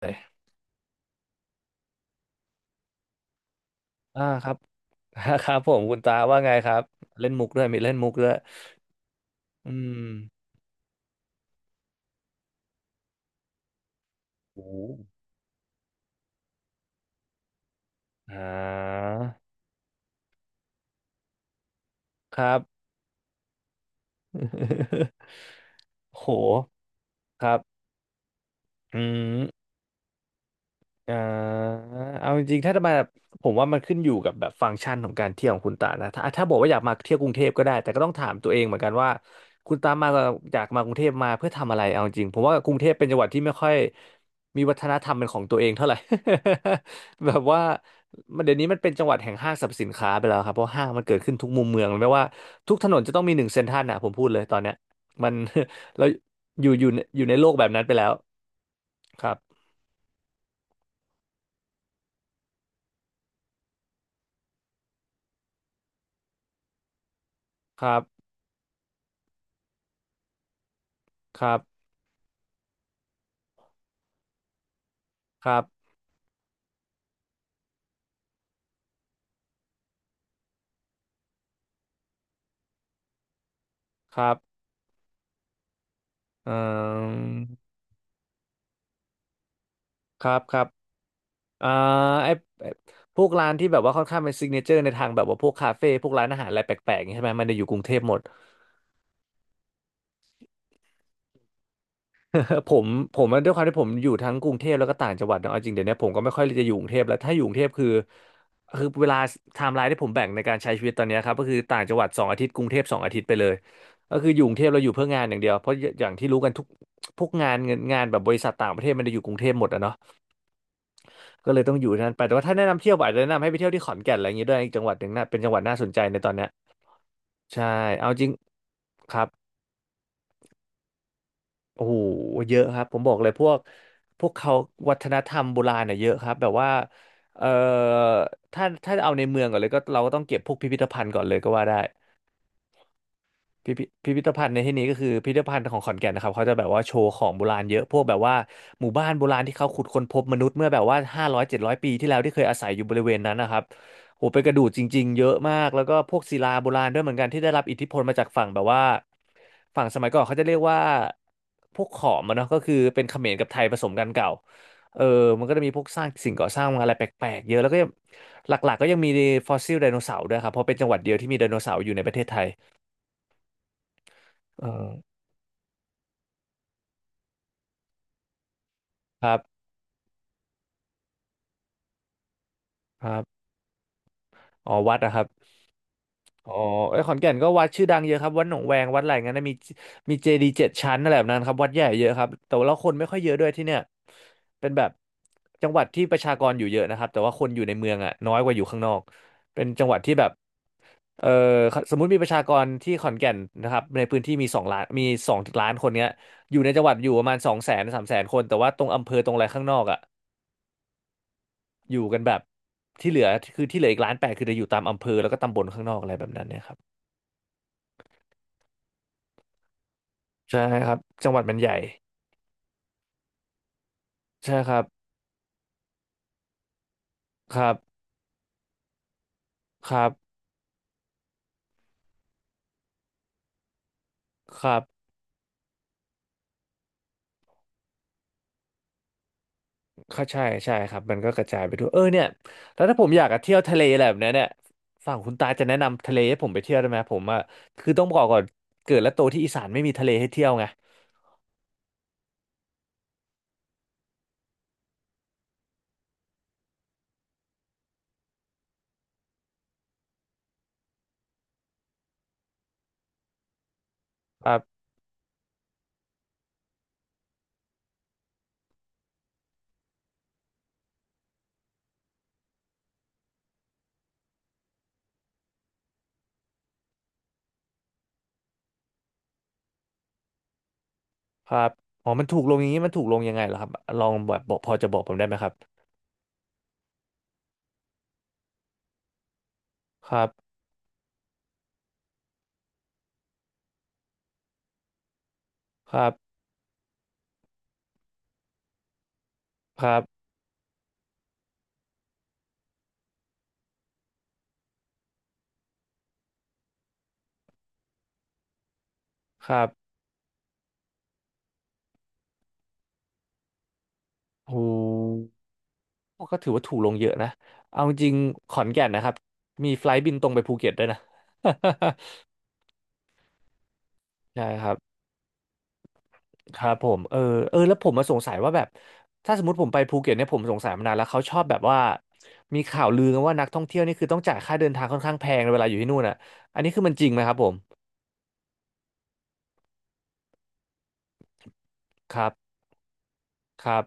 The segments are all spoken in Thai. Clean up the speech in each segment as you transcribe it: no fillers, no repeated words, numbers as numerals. เลยอ่าครับ ครับผมคุณตาว่าไงครับเล่นมุกด้วยมีเล่นมุกด้วย อืมโอ้อ่าครับ โห ครับ อืม อ่าเอาจริงๆถ้าจะมาผมว่ามันขึ้นอยู่กับแบบฟังก์ชันของการเที่ยวของคุณตานะถ้าบอกว่าอยากมาเที่ยวกรุงเทพก็ได้แต่ก็ต้องถามตัวเองเหมือนกันว่าคุณตามาอยากมากรุงเทพมาเพื่อทำอะไรเอาจริงผมว่ากรุงเทพเป็นจังหวัดที่ไม่ค่อยมีวัฒนธรรมเป็นของตัวเองเท่าไหร่ แบบว่ามันเดี๋ยวนี้มันเป็นจังหวัดแห่งห้างสรรพสินค้าไปแล้วครับเพราะห้างมันเกิดขึ้นทุกมุมเมืองไม่ว่าทุกถนนจะต้องมีหนึ่งเซ็นทรัลนะผมพูดเลยตอนเนี้ยมัน เราอยู่อยู่ในอยู่ในโลกแบบนั้นไปแล้วครับครับครับครับ ครับเอ่อครับครับอ่าไอไอ้พวกร้านที่แบบว่าค่อนข้างเป็นซิกเนเจอร์ในทางแบบว่าพวกคาเฟ่พวกร้านอาหารอะไรแปลกๆอย่างนี้ใช่ไหมมันจะอยู่กรุงเทพหมด ผมผมว่าด้วยความที่ผมอยู่ทั้งกรุงเทพแล้วก็ต่างจังหวัดเนอะเอาจริงเดี๋ยวนี้ผมก็ไม่ค่อยจะอยู่กรุงเทพแล้วถ้าอยู่กรุงเทพคือเวลาไทม์ไลน์ที่ผมแบ่งในการใช้ชีวิตตอนเนี้ยครับก็คือต่างจังหวัดสองอาทิตย์กรุงเทพสองอาทิตย์ไปเลยก็คืออยู่กรุงเทพเราอยู่เพื่องานอย่างเดียวเพราะอย่างที่รู้กันทุกพวกงานเงินงานแบบบริษัทต่างประเทศมันจะอยู่กรุงเทพหมดอะเนาะ ก็เลยต้องอยู่ที่นั่นไปแต่ว่าถ้าแนะนำเที่ยวอาจจะแนะนำให้ไปเที่ยวที่ขอนแก่นอะไรอย่างงี้ด้วยอีกจังหวัดหนึ่งน่ะเป็นจังหวัดน่าสนใจในตอนเนี้ยใช่เอาจริงครับโอ้โหเยอะครับผมบอกเลยพวกเขาวัฒนธรรมโบราณเน่ยเยอะครับแบบว่าเอ่อถ้าเอาในเมืองก่อนเลยก็เราก็ต้องเก็บพวกพิพิธภัณฑ์ก่อนเลยก็ว่าได้ พิพิพิพิธภัณฑ์ในที่นี้ก็คือพิพิธภัณฑ์ของขอนแก่นนะครับเขาจะแบบว่าโชว์ของโบราณเยอะพวกแบบว่าหมู่บ้านโบราณที่เขาขุดค้นพบมนุษย์เมื่อแบบว่า500-700 ปีที่แล้วที่เคยอาศัยอยู่บริเวณนั้นนะครับโอ้เป็นกระดูกจริงๆเยอะมากแล้วก็พวกศิลาโบราณด้วยเหมือนกันที่ได้รับอิทธิพลมาจากฝั่งแบบว่าฝั่งสมัยก่อนเขาจะเรียกว่าพวกขอมอะเนาะก็คือเป็นเขมรกับไทยผสมกันเก่าเออมันก็จะมีพวกสร้างสิ่งก่อสร้างอะไรแปลกๆเยอะแล้วก็ยังหลักๆก็ยังมีฟอสซิลไดโนเสาร์ด้วยครับเพราะเป็นจังหวัดเดียวที่มีไดโนเสาร์อยู่ในประเทศไทยเออ ครับครับอ๋อวัดอะครับอ๋อไอ้ยขอนแก่นก็วัดชื่อดังเยอะครับวัดหนองแวงวัดอะไรงั้นนะมีเจดีย์7 ชั้นอะไรแบบนั้นครับวัดใหญ่เยอะครับแต่ว่าคนไม่ค่อยเยอะด้วยที่เนี่ยเป็นแบบจังหวัดที่ประชากรอยู่เยอะนะครับแต่ว่าคนอยู่ในเมืองอะน้อยกว่าอยู่ข้างนอกเป็นจังหวัดที่แบบเออสมมุติมีประชากรที่ขอนแก่นนะครับในพื้นที่มีสองล้านคนเนี้ยอยู่ในจังหวัดอยู่ประมาณ200,000-300,000 คนแต่ว่าตรงอำเภอตรงอะไรข้างนอกอะ อยู่กันแบบที่เหลือที่เหลืออีก1.8 ล้านคือจะอยู่ตามอำเภอแล้วก็ตำบลข้างนอกอะไรแบบนั้นเนี่ยครับใช่ครับจังหวัดมันใหญ่ใช่ครับครับครับครับก็ใช่ใช่ครับมันก็กระจายไปทั่วเออเนี่ยแล้วถ้าผมอยากจะเที่ยวทะเลอะไรแบบเนี้ยเนี่ยฝั่งคุณตาจะแนะนำทะเลให้ผมไปเที่ยวได้ไหมผมอ่ะคือต้องบอกก่อนเกิดและโตที่อีสานไม่มีทะเลให้เที่ยวไงครับครับอ๋อมันถูกลงอย่างนี้มันถูกลงยังไงเหรอครับลองแบบบอกพอจะบอกผมได้ไหมครับครับครับครับครับหู ก็ถือว่าถูกลงเยอะนะเอาจริงขอนแก่นนะครับมีไฟลท์บินตรงไปภูเก็ตด้วยนะ ใช่ครับครับผมแล้วผมมาสงสัยว่าแบบถ้าสมมติผมไปภูเก็ตเนี่ยผมสงสัยมานานแล้วเขาชอบแบบว่ามีข่าวลือกันว่านักท่องเที่ยวนี่คือต้องจ่ายค่าเดินทางค่อนข้างแพงเวลาอยู่ที่นู่นอ่ะอันนี้คือมันจริงไหมครับผมครับครับ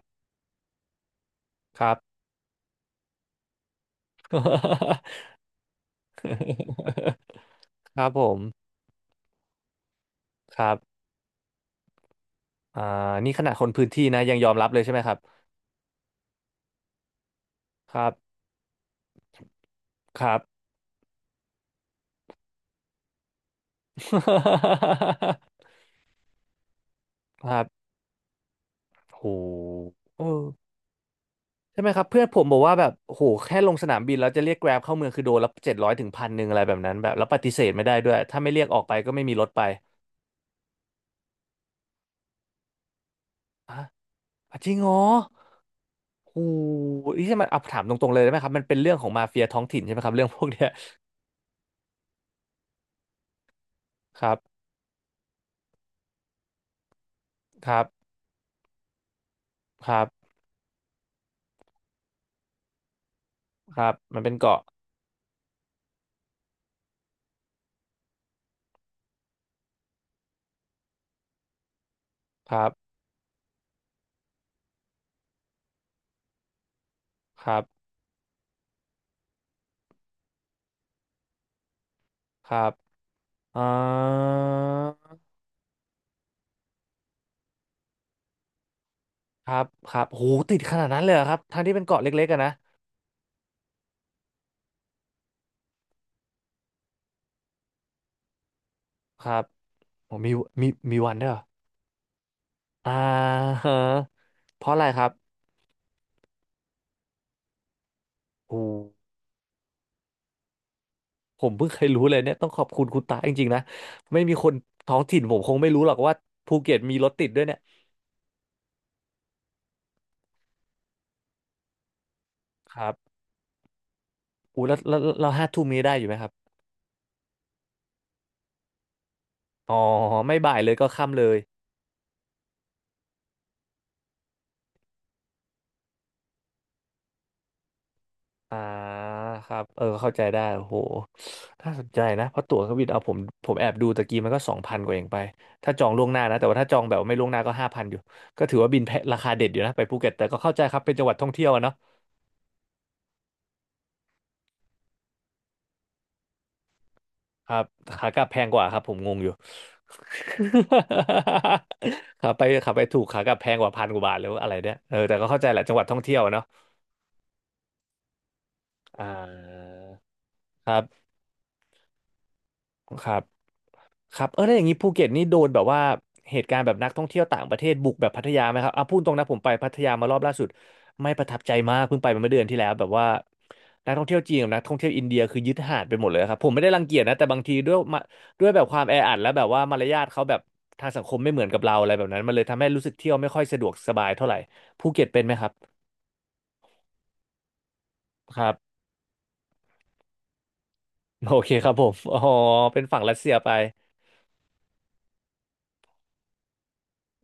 ครับ ครับผมครับอ่านี่ขนาดคนพื้นที่นะยังยอมรับเลยใช่ไหมครับครับครับ ครับ โหเออใช่ไหมครับเพื่อนผมบอกว่าแบบโหแค่ลงสนามบินแล้วจะเรียกแกร็บเข้าเมืองคือโดนละ700ถึง1,100อะไรแบบนั้นแบบแล้วปฏิเสธไม่ได้ด้วยถ้าไม่เรียกออกไปก็ไม่มีรถไปอ่ะอ่ะจริงเหรอโหนี่ใช่มันเอาถามตรงๆเลยได้ไหมครับมันเป็นเรื่องของมาเฟียท้องถิ่นใช่ไหมครับเรื่องพวกเนี้ยครับครับครับครับมันเป็นเกาะครับครับครับอ่าครับครับโหติดขนาดนั้นเลยเหรอครับทั้งที่เป็นเกาะเล็กๆอะนะครับผมมีมีวันด้วยเหรอ อ่าฮะเพราะอะไรครับโอ้ผมเพิ่งเคยรู้เลยเนี่ยต้องขอบคุณคุณตาจริงๆนะไม่มีคนท้องถิ่นผมคงไม่รู้หรอกว่าภูเก็ตมีรถติดด้วยเนี่ยครับอู้แล้วแล้วเรา5 ทุ่มนี้ได้อยู่ไหมครับอ๋อไม่บ่ายเลยก็ค่ำเลยอ่าครับเออเข้าใจได้โอ้โหน่าสนใจนะเพราะตั๋วเครื่องบินเอาผมผมแอบดูตะกี้มันก็2,000 กว่าเองไปถ้าจองล่วงหน้านะแต่ว่าถ้าจองแบบไม่ล่วงหน้าก็5,000อยู่ก็ถือว่าบินแพะราคาเด็ดอยู่นะไปภูเก็ตแต่ก็เข้าใจครับเป็นจังหวัดท่องเที่ยวอะเนาะ ครับขากลับแพงกว่าครับผมงงอยู่ ขาไปขาไปถูกขากลับแพงกว่า1,000 กว่าบาทแล้วาอะไรเนี่ยเออแต่ก็เข้าใจแหละจังหวัดท่องเที่ยวเนาะอ่าครับ ครับครับเออแล้วอย่างนี้ภูเก็ตนี่โดนแบบว่าเหตุการณ์แบบนักท่องเที่ยวต่างประเทศบุกแบบพัทยาไหมครับอ่ะพูดตรงนะผมไปพัทยามารอบล่าสุดไม่ประทับใจมากเพิ่งไปมาเมื่อเดือนที่แล้วแบบว่านักท่องเที่ยวจีนกับนักท่องเที่ยวอินเดียคือยึดหาดไปหมดเลยครับผมไม่ได้รังเกียจนะแต่บางทีด้วยมาด้วยแบบความแออัดและแบบว่ามารยาทเขาแบบทางสังคมไม่เหมือนกับเราอะไรแบบนั้นมันเลยทำให้รู้สึกเที่ยวไม่ค่อยสะดวกสบายเท่าไหร่ภูเก็ตเป็นไหมครับครับ โอเคครับผมอ๋อเป็นฝั่งรัสเซียไป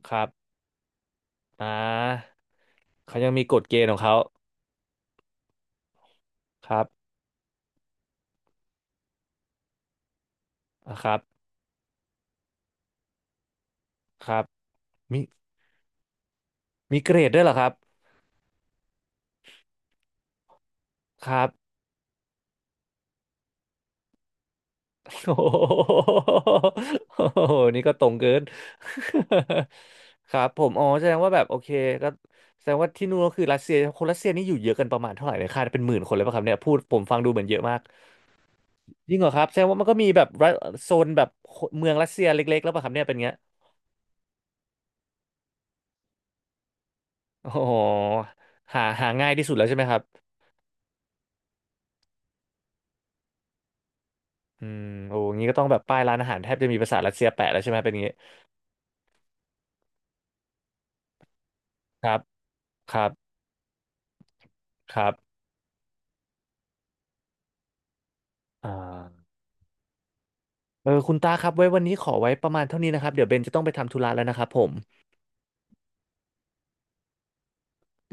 ครับอ่าเขายังมีกฎเกณฑ์ของเขาครับ อ่ะครับครับมีเกรดด้วยเหรอครับครับ โอ้โหโอ้โหนี่ก็ตรงเกิน ครับผมอ๋อแสดงว่าแบบโอเคก็แสดงว่าที่นู่นก็คือรัสเซียคนรัสเซียนี่อยู่เยอะกันประมาณเท่าไหร่เนี่ยคาดเป็น10,000 คนเลยป่ะครับเนี่ยพูดผมฟังดูเหมือนเยอะมากจริงเหรอครับแสดงว่ามันก็มีแบบรัฐโซนแบบเมืองรัสเซียเล็กๆแล้วป่ะครับเนี่ยเป็นเงี้ยโอ้โหหาหาง่ายที่สุดแล้วใช่ไหมครับอืมโอ้งี้ก็ต้องแบบป้ายร้านอาหารแทบจะมีภาษารัสเซียแปะแล้วใช่ไหมเป็นอย่างงี้ครับครับครับ อ่าเออคุณตาครับไว้วันนี้ขอไว้ประมาณเท่านี้นะครับเดี๋ยวเบนจะต้องไปทำธุระแล้วนะครับผม